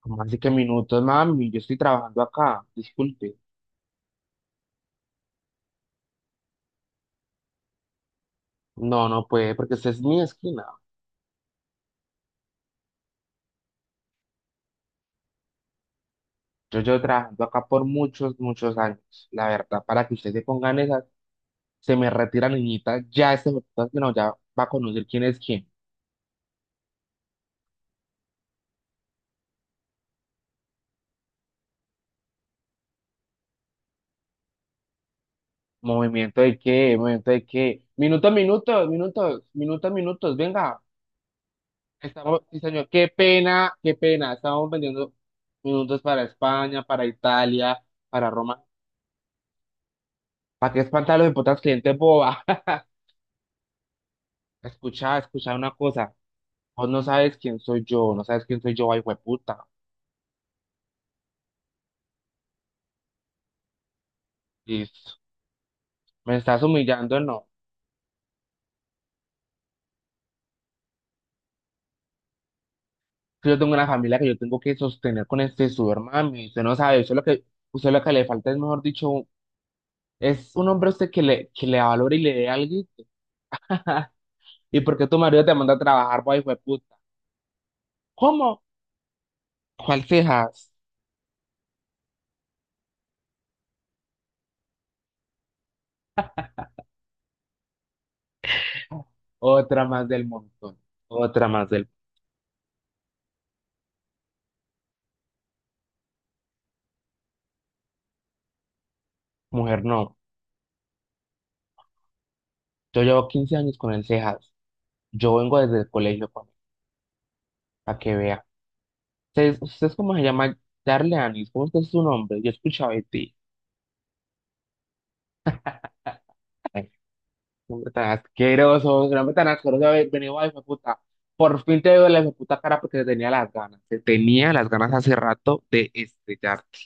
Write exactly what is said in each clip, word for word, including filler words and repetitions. ¿Cómo así que minutos, mami? Yo estoy trabajando acá, disculpe. No, no puede, porque esta es mi esquina. Yo llevo trabajando acá por muchos, muchos años. La verdad, para que ustedes se pongan esas, se me retira niñita, ya este que no, ya va a conocer quién es quién. Movimiento de qué, movimiento de qué. Minutos, minutos, minutos, minutos, minutos, venga. Estamos, sí, señor, qué pena, qué pena. Estamos vendiendo minutos para España, para Italia, para Roma. ¿Para qué espantar a los hipotas clientes, boba? Escucha, escucha una cosa. Vos no sabes quién soy yo, no sabes quién soy yo, ay, puta. Listo. Me estás humillando, no. Que yo tengo una familia que yo tengo que sostener con este sudor, mami. Usted no sabe, usted lo que, usted lo que le falta es, mejor dicho, un- es un hombre a usted que le, que le valore y le dé algo. ¿Y por qué tu marido te manda a trabajar, ay, puta? ¿Cómo? ¿Cuál cejas? Otra más del montón. Otra más del... Mujer, no. Yo llevo quince años con el cejas. Yo vengo desde el colegio, para que vea. ¿Ustedes, ustedes cómo se llama Darle Anis? ¿Cómo es que es su nombre? Yo escuchaba de ti. Ay, hombre tan asqueroso, un hombre tan asqueroso haber venido a puta. Por fin te veo la puta cara porque te tenía las ganas. Te tenía las ganas hace rato de estrellarte.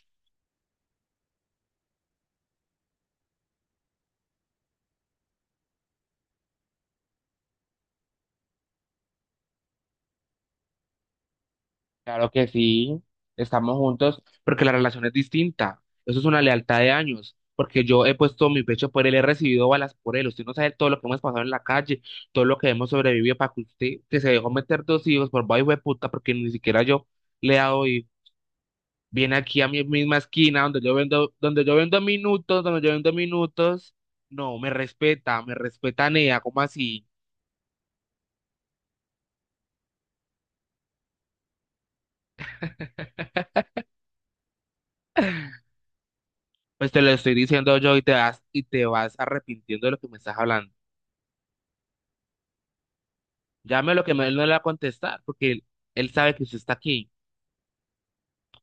Claro que sí, estamos juntos porque la relación es distinta. Eso es una lealtad de años. Porque yo he puesto mi pecho por él, he recibido balas por él. Usted no sabe todo lo que hemos pasado en la calle, todo lo que hemos sobrevivido para que usted, que se dejó meter dos hijos por vaina de puta, porque ni siquiera yo. Le he dado viene aquí a mi misma esquina donde yo vendo, donde yo vendo minutos, donde yo vendo minutos. No, me respeta, me respeta Nea, ¿cómo así? Pues te lo estoy diciendo yo y te vas, y te vas arrepintiendo de lo que me estás hablando. Llame lo que me- él no le va a contestar, porque él, él sabe que usted está aquí.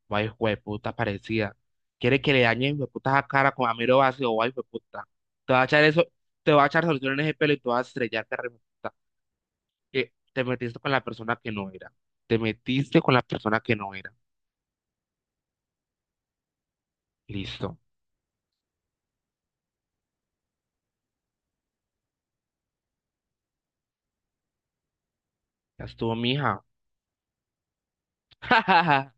Ay, jueputa parecida. Quiere que le dañen puta la cara con Amiro vacío, ay, jueputa. Te va a echar eso, te va a echar solución en ese pelo y te vas a estrellarte, re puta. Que te metiste con la persona que no era. Te metiste con la persona que no era. Listo. Ya estuvo, mija.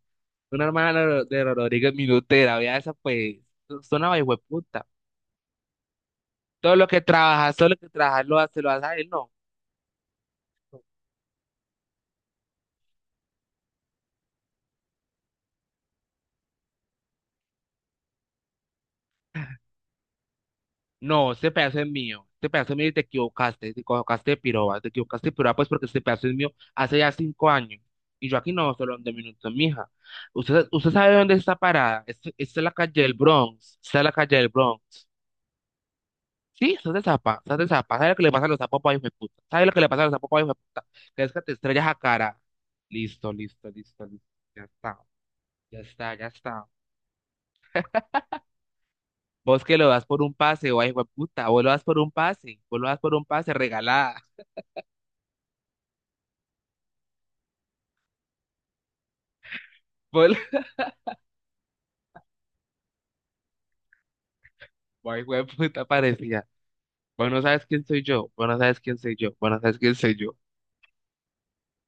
Una hermana de Ro- de Rodríguez Minutera, vea esa pues. Suena una puta. Todo lo que trabajas, todo lo que trabajas lo hace lo hace a él, no. No, este pedazo es mío. Este pedazo es mío y te equivocaste. Te equivocaste de piroba. Te equivocaste de piroba, pues porque este pedazo es mío hace ya cinco años. Y yo aquí no, solo de minutos, mija. Usted, usted sabe dónde está parada. Esta, esta es la calle del Bronx. Esta es la calle del Bronx. Sí, sos de zapa, sos de zapa. ¿Sabes lo que le pasa a los zapopos, hijo de puta? ¿Sabes lo que le pasa a los zapopos, hijo de puta? Que es que te estrellas a cara. Listo, listo, listo, listo. Ya está, ya está, ya está. Vos que lo das por un pase, guay, hijo de puta. Vos lo das por un pase, vos lo das por un pase, regalada. Vos lo- Guay, hijo de puta, parecía. Vos no sabes quién soy yo, vos no sabes quién soy yo, vos no sabes quién soy yo.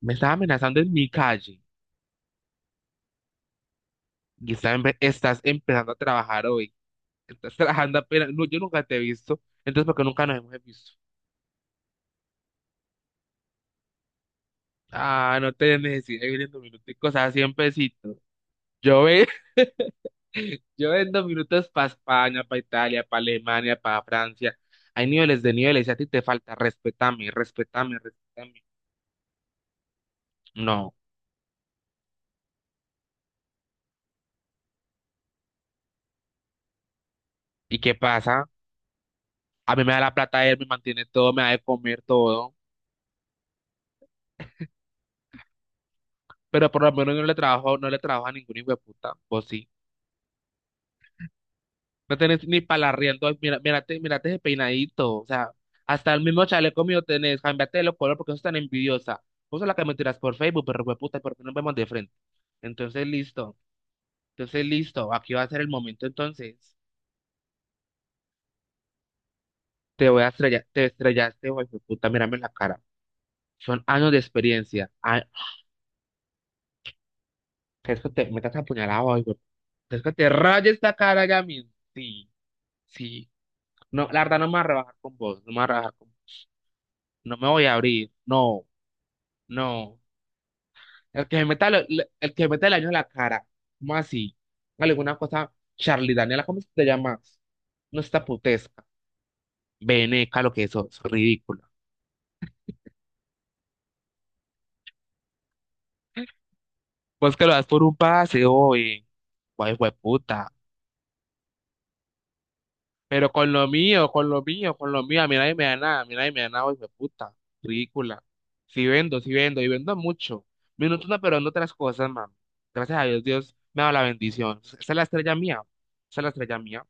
Me estás amenazando en mi calle y estás, empe- estás empezando a trabajar hoy. Estás trabajando apenas. No, yo nunca te he visto, entonces porque nunca nos hemos visto. Ah, no te necesito. Viniendo minuticos a cien pesitos. Yo, ve- yo vendo minutos para España, para Italia, para Alemania, para Francia. Hay niveles de niveles y a ti te falta. Respetame, respetame, respetame. No. ¿Y qué pasa? A mí me da la plata él, me mantiene todo, me da de comer todo. Pero por lo menos yo no le trabajo, no le trabajo a ningún hijo de puta. Vos sí. No tenés ni para arriendo. Ay, mira, mírate, mírate ese peinadito. O sea, hasta el mismo chaleco mío tenés. Cámbiate los colores porque sos tan envidiosa. Vos sos la que me tiras por Facebook, pero hueputa, ¿por qué nos vemos de frente? Entonces, listo. Entonces, listo. Aquí va a ser el momento. Entonces, te voy a estrellar. Te estrellaste, hueputa. Mírame en la cara. Son años de experiencia. Ah, es que te metas apuñalado hoy, güey. ¿Es que te rayes esta cara ya mismo? Sí, sí. No, la verdad, no me voy a rebajar con vos. No me voy a rebajar con. No me voy a abrir. No, no. El que se meta, lo- lo- el que se meta el año en la cara. ¿Cómo así? Alguna cosa, Charlie Daniela, ¿cómo se te llama? No está putesca. Veneca, lo que eso, es ridículo. Pues que lo das por un pase, oye. Guay, puta. Pero con lo mío, con lo mío, con lo mío, a mí nadie me da nada, a mí nadie me da nada, hijo de puta. Ridícula. Si vendo, si vendo, y vendo mucho. Minutos no, pero en otras cosas, mami. Gracias a Dios, Dios me da la bendición. Esa es la estrella mía. Esa es la estrella mía.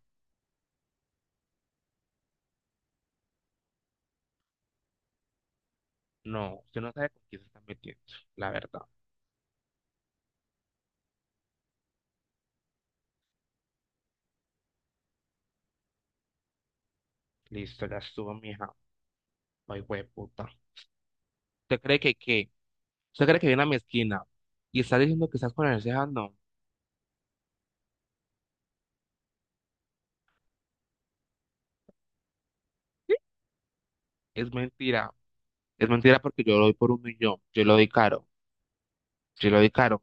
No, usted no sabe con quién se está metiendo, la verdad. Listo, ya estuvo, mija. Ay, puta. ¿Usted cree que qué? ¿Usted cree que viene a mi esquina y está diciendo que estás con el ceja? No, es mentira. Es mentira porque yo lo doy por un millón. Yo lo doy caro. Yo lo doy caro.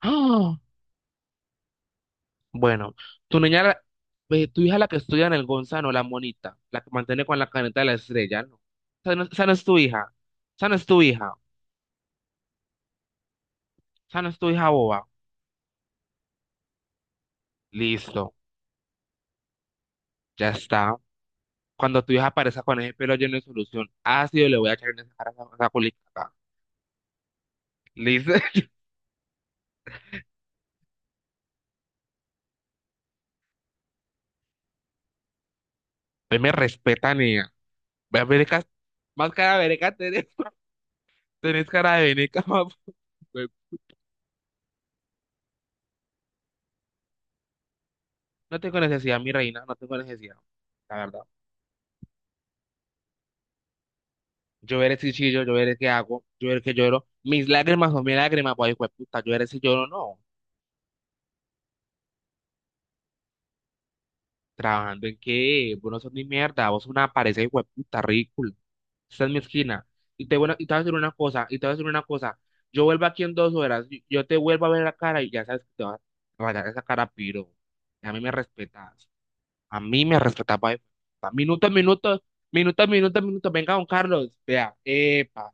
¡Ah! Bueno, tu niña, la- eh, tu hija la que estudia en el Gonzalo, la monita, la que mantiene con la caneta de la estrella, ¿no? Esa no, esa no es tu hija. Esa no es tu hija. Esa no es tu hija boba. Listo, ya está. Cuando tu hija aparezca con ese pelo lleno de solución ácido, le voy a echar en esa cara esa, esa culica. Liz. Ahí me respetan, niña. Ve- Verecas, más cara de vereca tenés, tenés cara de veneca, papu. Güey, no tengo necesidad, mi reina, no tengo necesidad, la verdad. Yo veré si chillo, yo veré qué hago, yo veré que lloro. Mis lágrimas son mis lágrimas, pues, hijo de puta, yo veré si lloro o no. ¿Trabajando en qué? Vos no sos ni mierda, vos sos una pareja, hijo de puta, ridículo. Esta es mi esquina. Y te, voy a- y te voy a decir una cosa, y te voy a decir una cosa. Yo vuelvo aquí en dos horas, y- yo te vuelvo a ver la cara y ya sabes que te vas a rayar esa cara, piro. A mí me respetas. A mí me respetaba. eh, pa, Minuto, minuto, minuto, minuto, minuto. Venga, don Carlos. Vea, epa,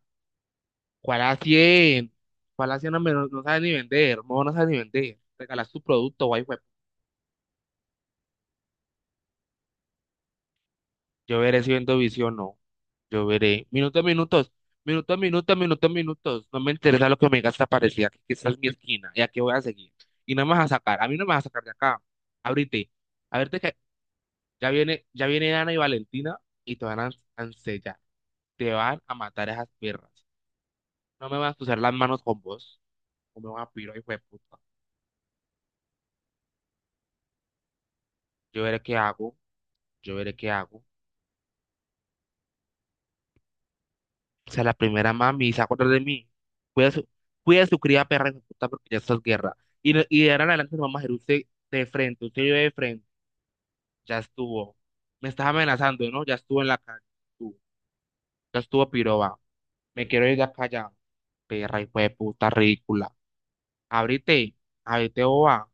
¿cuál a cien? ¿Cuál a cien no, me- no, no sabe ni vender? No, no sabe ni vender. Regalas tu producto, guay, güey. Yo veré si vendo visión o no. Yo veré. Minutos, minutos. Minutos, minutos, minutos, minutos. No me interesa lo que me digas parecía que esta es mi esquina y aquí voy a seguir. Y no me vas a sacar. A mí no me vas a sacar de acá. Ábrete. Ábrete que ya viene, ya viene Ana y Valentina y te van a, a te van a matar esas perras. No me vas a usar las manos con vos. No me van a pirar, hijo de puta. Yo veré qué hago. Yo veré qué hago. O sea, la primera mami, se acuerda de mí. Cuida su, cuida su cría perra, hijo de puta, porque ya estás guerra. Y, no- y de ahora en adelante no vamos a ir usted de frente, usted y yo de frente. Ya estuvo. Me estás amenazando, ¿no? Ya estuvo en la calle. Tú. Ya estuvo piroba. Me quiero ir de acá ya. Perra, hijo de puta, ridícula. Ábrete. Ábrete, boba.